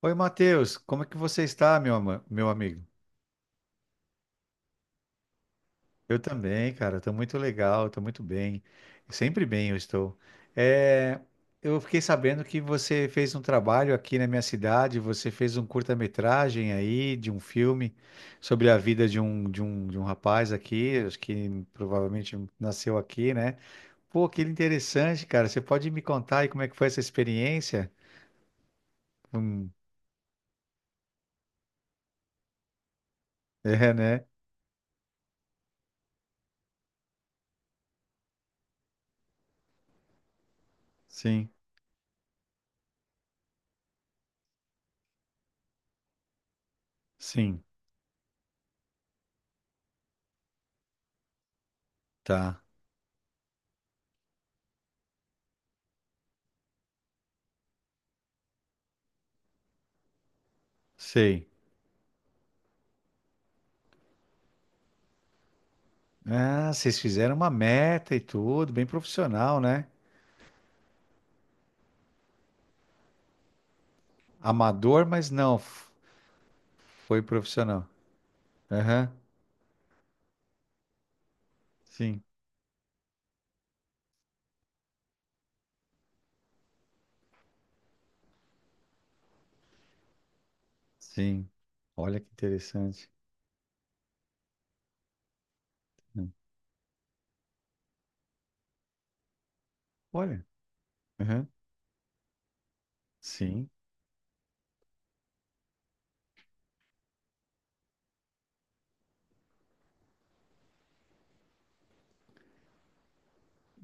Oi, Matheus, como é que você está, meu, meu amigo? Eu também, cara, estou muito legal, estou muito bem, sempre bem eu estou. É, eu fiquei sabendo que você fez um trabalho aqui na minha cidade, você fez um curta-metragem aí de um filme sobre a vida de um rapaz aqui, acho que provavelmente nasceu aqui, né? Pô, que interessante, cara, você pode me contar aí como é que foi essa experiência? Hum, é, né? Sim, sim, tá, sei. Ah, vocês fizeram uma meta e tudo, bem profissional, né? Amador, mas não, foi profissional. Aham, sim, sim. Olha que interessante. Hum, Olha, aham, sim.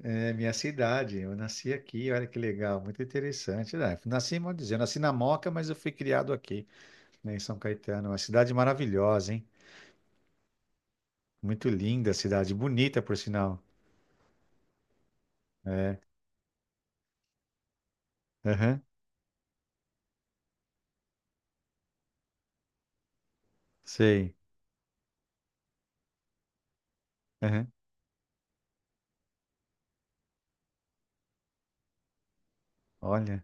É minha cidade, eu nasci aqui, olha que legal, muito interessante né? Nasci, vou dizer, eu nasci na Moca, mas eu fui criado aqui, né, em São Caetano. Uma cidade maravilhosa, hein? Muito linda a cidade, bonita, por sinal. Aham, sei. Aham, olha.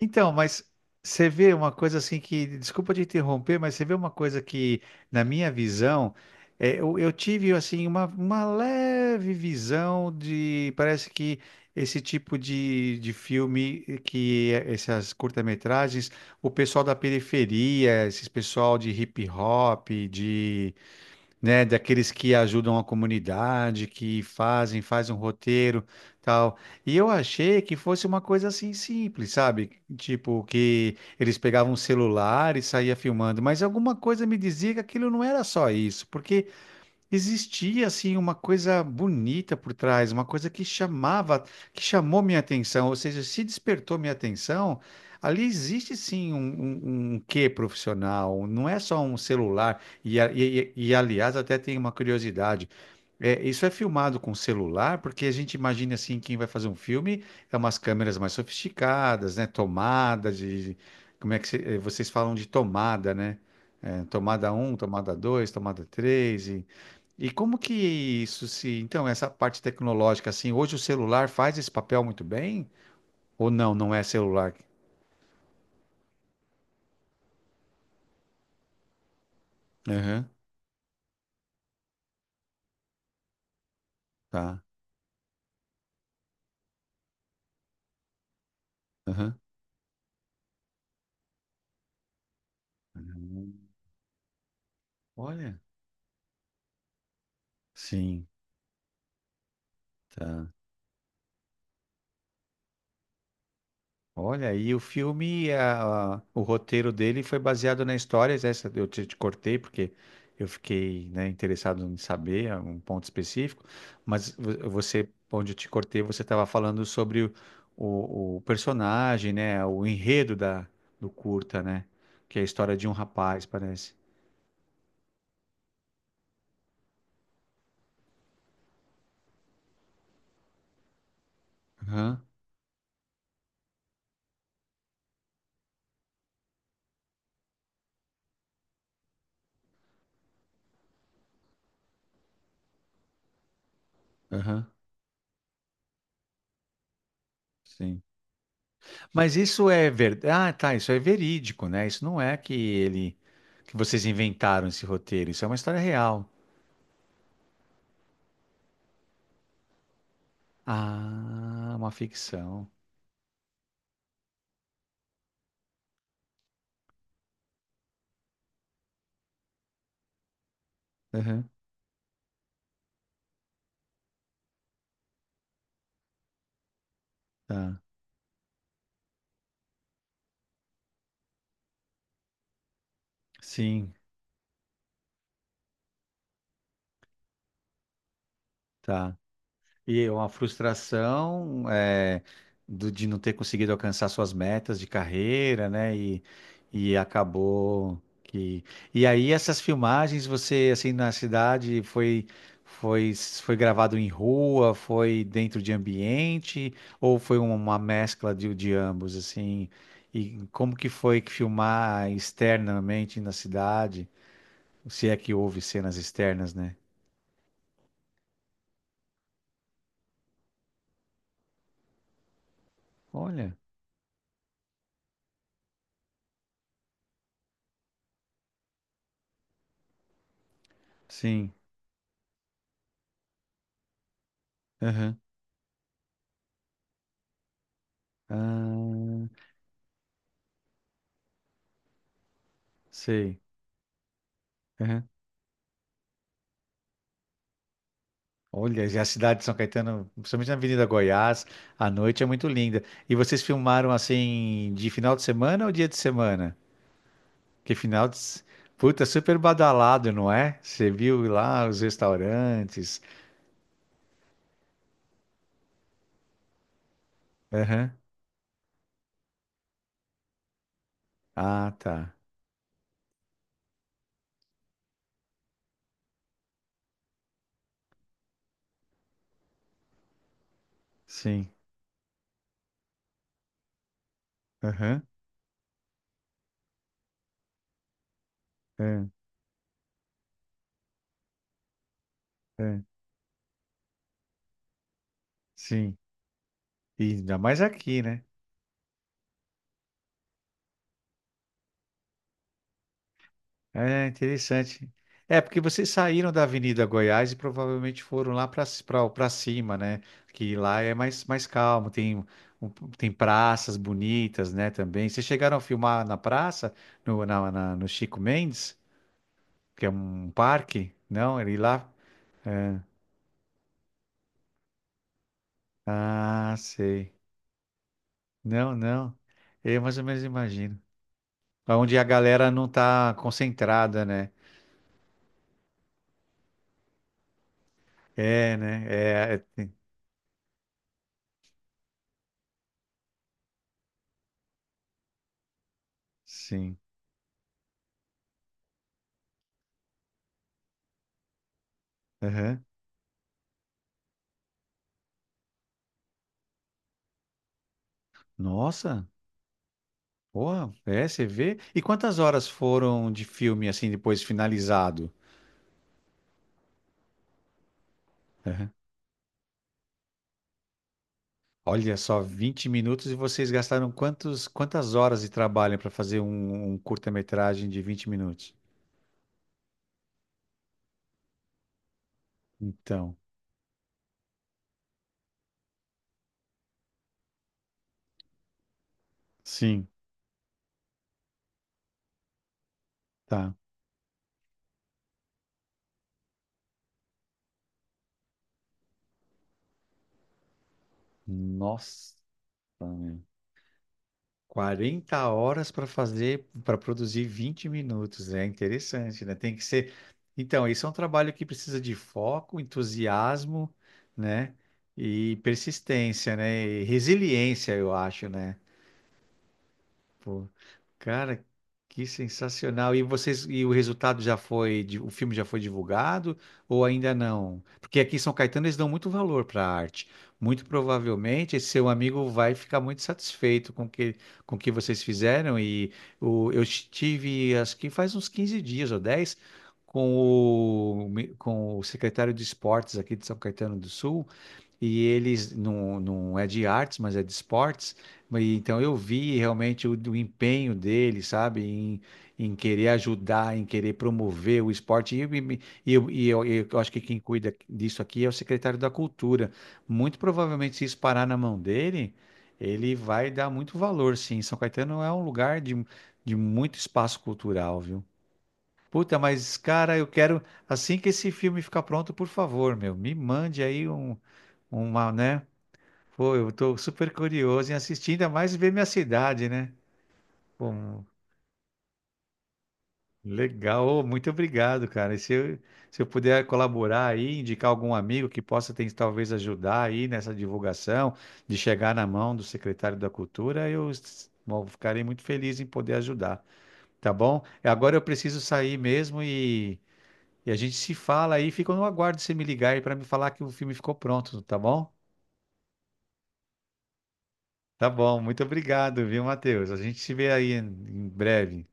Então, mas você vê uma coisa assim que, desculpa te interromper, mas você vê uma coisa que, na minha visão, eu tive assim uma, leve visão de, parece que esse tipo de filme, essas curta-metragens, o pessoal da periferia, esses pessoal de hip hop, né, daqueles que ajudam a comunidade, que fazem, faz um roteiro, tal. E eu achei que fosse uma coisa assim simples, sabe? Tipo que eles pegavam um celular e saía filmando, mas alguma coisa me dizia que aquilo não era só isso, porque existia assim uma coisa bonita por trás, uma coisa que chamava, que chamou minha atenção, ou seja, se despertou minha atenção, ali existe sim um, quê profissional, não é só um celular. E, aliás, até tem uma curiosidade, isso é filmado com celular, porque a gente imagina assim, quem vai fazer um filme é umas câmeras mais sofisticadas, né? Tomada de, como é que vocês falam de tomada, né? É, tomada um tomada 2 tomada 3 e como que isso se. Então, essa parte tecnológica, assim, hoje o celular faz esse papel muito bem? Ou não, não é celular? Aham, tá. Aham. Aham. Olha. Sim, tá. Olha, e o filme, o roteiro dele foi baseado na história, né, essa eu te cortei porque eu fiquei, né, interessado em saber um ponto específico, mas você, onde eu te cortei, você estava falando sobre o, personagem, né, o enredo do curta, né, que é a história de um rapaz, parece. Aham, aham, sim. Mas isso é verdade, ah, tá, isso é verídico, né, isso não é que ele, que vocês inventaram esse roteiro, isso é uma história real. Ah, uma ficção. Uhum, tá. Sim, tá. E é uma frustração de não ter conseguido alcançar suas metas de carreira, né? E acabou que. E aí essas filmagens, você assim na cidade foi gravado em rua, foi dentro de ambiente ou foi uma mescla de ambos assim? E como que foi que filmar externamente na cidade? Se é que houve cenas externas, né? Olha, sim. Aham. Ah, sei. Aham. Olha, e a cidade de São Caetano, principalmente na Avenida Goiás, à noite é muito linda. E vocês filmaram assim de final de semana ou dia de semana? Que final de. S- Puta, super badalado, não é? Você viu lá os restaurantes. Aham. Ah, tá. Sim. Aham. É, é. Sim. E ainda mais aqui, né? É interessante. É, porque vocês saíram da Avenida Goiás e provavelmente foram lá para cima, né? Que lá é mais calmo, um, tem praças bonitas, né? Também. Vocês chegaram a filmar na praça, no Chico Mendes, que é um parque? Não, ele lá. Ah, sei. Não, não. Eu mais ou menos imagino. Onde a galera não tá concentrada, né? É, né? Sim. Aham. Nossa. Pô, você vê? E quantas horas foram de filme assim depois finalizado? Aham. Olha só, 20 minutos e vocês gastaram quantas horas de trabalho para fazer um curta-metragem de 20 minutos? Então, sim, tá. Nossa, quarenta horas para fazer, para produzir 20 minutos. É interessante, né? Tem que ser. Então, isso é um trabalho que precisa de foco, entusiasmo, né? E persistência, né? E resiliência, eu acho, né? Pô, cara, que sensacional. E vocês, e o resultado já foi, o filme já foi divulgado ou ainda não? Porque aqui em São Caetano eles dão muito valor para a arte. Muito provavelmente esse seu amigo vai ficar muito satisfeito com o que vocês fizeram. E eu estive, acho que faz uns 15 dias ou 10 com o, secretário de esportes aqui de São Caetano do Sul e eles não é de artes, mas é de esportes. Então eu vi realmente o empenho dele, sabe, em querer ajudar, em querer promover o esporte. Eu acho que quem cuida disso aqui é o secretário da Cultura. Muito provavelmente, se isso parar na mão dele, ele vai dar muito valor, sim. São Caetano é um lugar de muito espaço cultural, viu? Puta, mas cara, eu quero assim que esse filme ficar pronto, por favor, meu, me mande aí uma, né? Pô, eu tô super curioso em assistir, ainda mais ver minha cidade, né? Pô, legal, ô, muito obrigado, cara. Se eu puder colaborar aí, indicar algum amigo que possa talvez ajudar aí nessa divulgação, de chegar na mão do secretário da Cultura, bom, ficarei muito feliz em poder ajudar, tá bom? Agora eu preciso sair mesmo. E a gente se fala aí, fica no aguardo de você me ligar aí para me falar que o filme ficou pronto, tá bom? Tá bom, muito obrigado, viu, Matheus? A gente se vê aí em breve.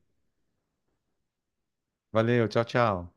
Valeu, tchau, tchau.